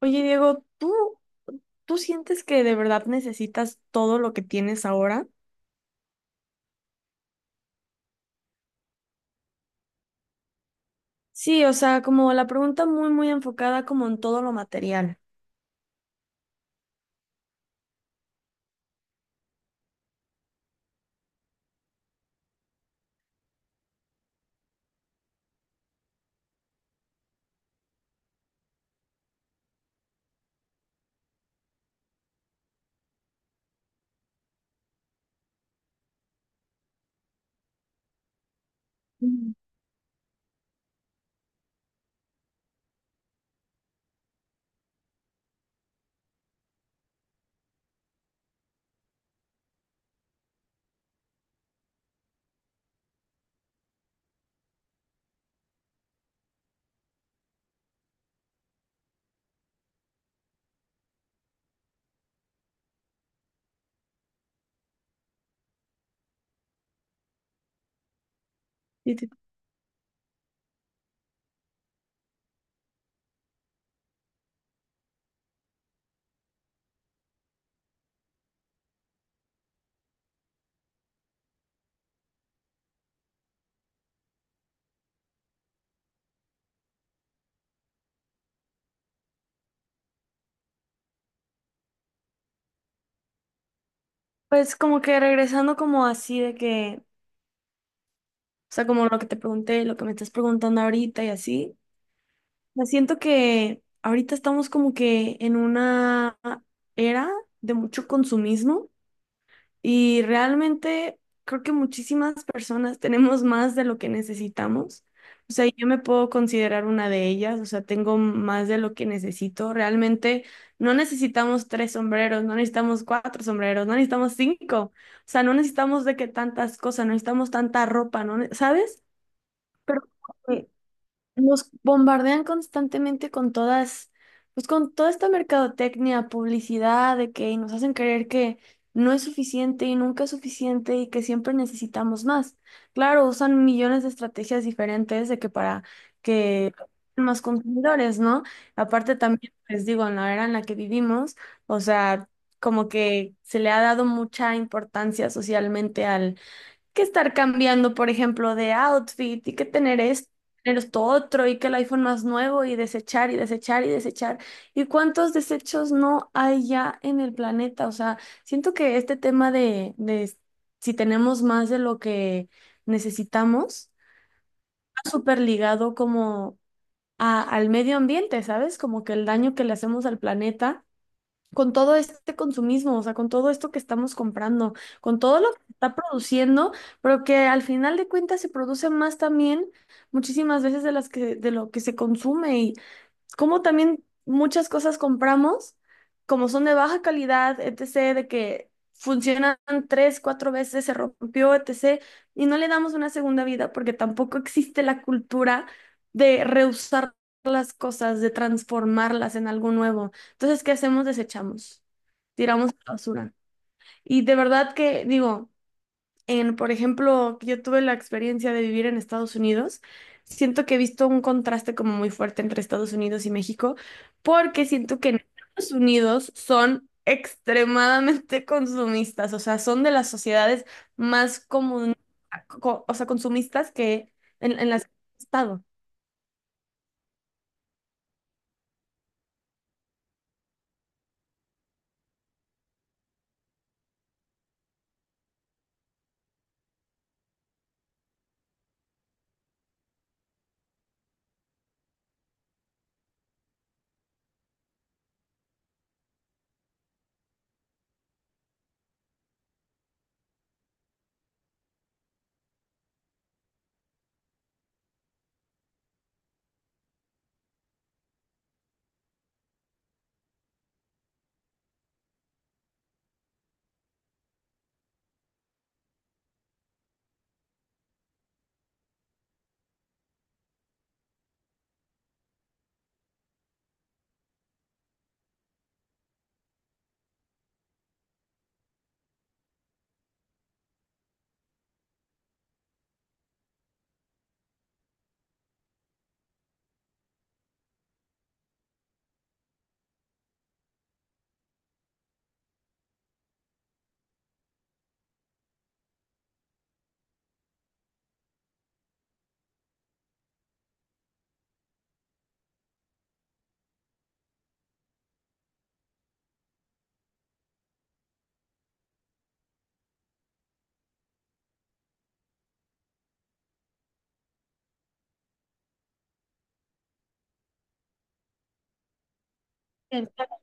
Oye, Diego, ¿tú, tú sientes que de verdad necesitas todo lo que tienes ahora? Sí, o sea, como la pregunta muy, muy enfocada como en todo lo material. Mm. Y te- Pues como que regresando como así de que, o sea, como lo que te pregunté, lo que me estás preguntando ahorita y así, me siento que ahorita estamos como que en una era de mucho consumismo. Y realmente creo que muchísimas personas tenemos más de lo que necesitamos. O sea, yo me puedo considerar una de ellas, o sea, tengo más de lo que necesito. Realmente no necesitamos tres sombreros, no necesitamos cuatro sombreros, no necesitamos cinco. O sea, no necesitamos de que tantas cosas, no necesitamos tanta ropa, ¿no? ¿Sabes? Pero nos bombardean constantemente con todas, pues con toda esta mercadotecnia, publicidad, de que y nos hacen creer que no es suficiente y nunca es suficiente y que siempre necesitamos más. Claro, usan millones de estrategias diferentes de que para que más consumidores, ¿no? Aparte también, les digo, en la era en la que vivimos, o sea, como que se le ha dado mucha importancia socialmente que estar cambiando, por ejemplo, de outfit y que tener esto otro y que el iPhone más nuevo y desechar y desechar y desechar. ¿Y cuántos desechos no hay ya en el planeta? O sea, siento que este tema de si tenemos más de lo que necesitamos, está súper ligado como al medio ambiente, ¿sabes? Como que el daño que le hacemos al planeta con todo este consumismo, o sea, con todo esto que estamos comprando, con todo lo que se está produciendo, pero que al final de cuentas se produce más también muchísimas veces de las que de lo que se consume y como también muchas cosas compramos, como son de baja calidad, etc., de que funcionan tres, cuatro veces, se rompió, etc., y no le damos una segunda vida porque tampoco existe la cultura de reusar las cosas, de transformarlas en algo nuevo. Entonces, ¿qué hacemos? Desechamos, tiramos a la basura. Y de verdad que digo, en, por ejemplo, que yo tuve la experiencia de vivir en Estados Unidos, siento que he visto un contraste como muy fuerte entre Estados Unidos y México, porque siento que en Estados Unidos son extremadamente consumistas, o sea, son de las sociedades más comun- o sea, consumistas que en las que he estado. Exacto.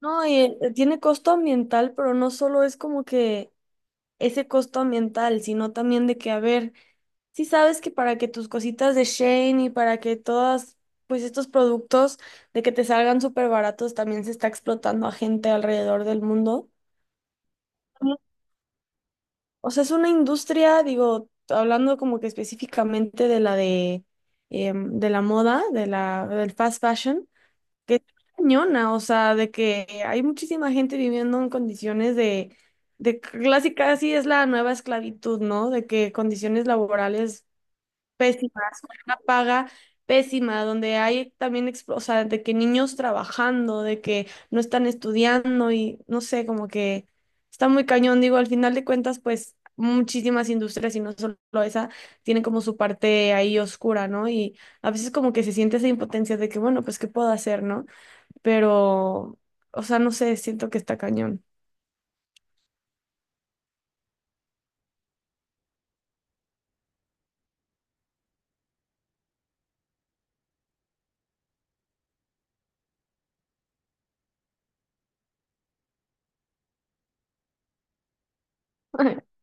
No, y tiene costo ambiental, pero no solo es como que ese costo ambiental, sino también de que, a ver, si sabes que para que tus cositas de Shane y para que todas, pues estos productos de que te salgan súper baratos también se está explotando a gente alrededor del mundo. Ujú. O sea, es una industria, digo, hablando como que específicamente de la de, de la moda, de la, del fast fashion. Qué cañona, o sea, de que hay muchísima gente viviendo en condiciones de casi casi es la nueva esclavitud, ¿no? De que condiciones laborales pésimas, con una paga pésima, donde hay también, o sea, de que niños trabajando, de que no están estudiando y no sé, como que está muy cañón, digo, al final de cuentas, pues muchísimas industrias y no solo esa, tienen como su parte ahí oscura, ¿no? Y a veces como que se siente esa impotencia de que, bueno, pues, ¿qué puedo hacer, no? Pero, o sea, no sé, siento que está cañón.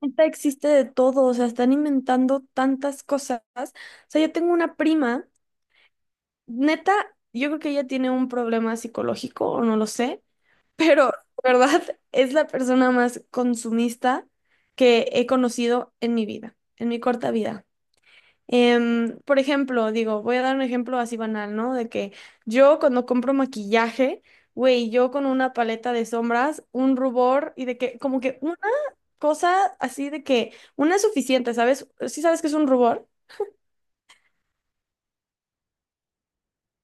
Neta, existe de todo, o sea, están inventando tantas cosas. O sea, yo tengo una prima, neta, yo creo que ella tiene un problema psicológico o no lo sé, pero, ¿de verdad? Es la persona más consumista que he conocido en mi vida, en mi corta vida. Por ejemplo, digo, voy a dar un ejemplo así banal, ¿no? De que yo cuando compro maquillaje, güey, yo con una paleta de sombras, un rubor y de que como que una cosa así de que una es suficiente, ¿sabes? ¿Sí sabes que es un rubor?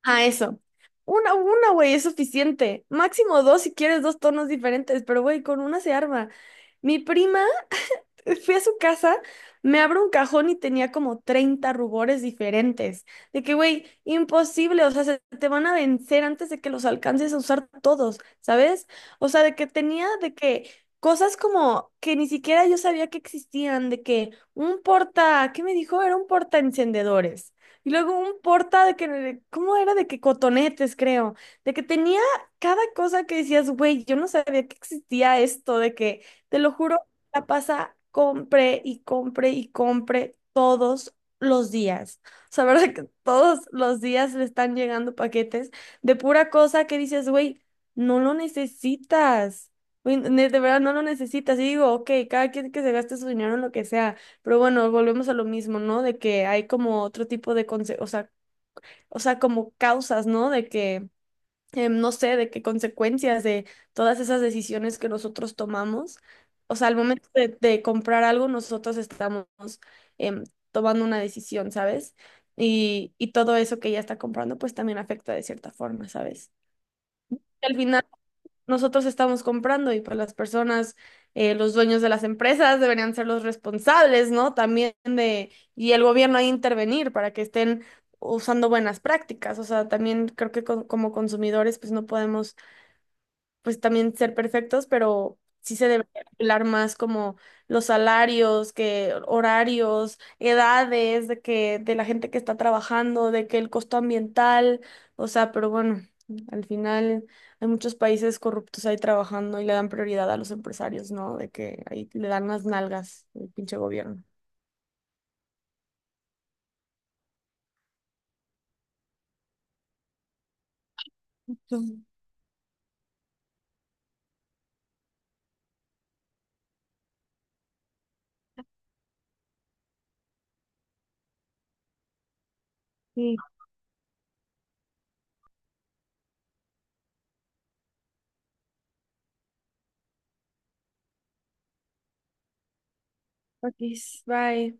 Ah, eso. Una, güey, es suficiente. Máximo dos si quieres dos tonos diferentes, pero güey, con una se arma. Mi prima fui a su casa, me abro un cajón y tenía como 30 rubores diferentes. De que, güey, imposible, o sea, se te van a vencer antes de que los alcances a usar todos, ¿sabes? O sea, de que tenía de que cosas como que ni siquiera yo sabía que existían, de que un porta, ¿qué me dijo? Era un porta encendedores. Y luego un porta de que, ¿cómo era? De que cotonetes, creo. De que tenía cada cosa que decías, güey, yo no sabía que existía esto, de que, te lo juro la pasa compre y compre y compre todos los días. O sea, ¿verdad que todos los días le están llegando paquetes de pura cosa que dices, güey, no lo necesitas. Güey, de verdad no lo necesitas. Y digo, ok, cada quien que se gaste su dinero en lo que sea. Pero bueno, volvemos a lo mismo, ¿no? De que hay como otro tipo de o sea, como causas, ¿no? De que no sé, de qué consecuencias de todas esas decisiones que nosotros tomamos. O sea, al momento de comprar algo, nosotros estamos em, tomando una decisión, ¿sabes? Y todo eso que ella está comprando, pues también afecta de cierta forma, ¿sabes? Al final, nosotros estamos comprando y pues las personas, los dueños de las empresas deberían ser los responsables, ¿no? También de, y el gobierno hay intervenir para que estén usando buenas prácticas. O sea, también creo que como consumidores, pues no podemos pues también ser perfectos, pero sí se debe hablar más como los salarios, que horarios, edades de que de la gente que está trabajando, de que el costo ambiental, o sea, pero bueno, al final hay muchos países corruptos ahí trabajando y le dan prioridad a los empresarios, ¿no? De que ahí le dan las nalgas el pinche gobierno. Sí, ok, bye.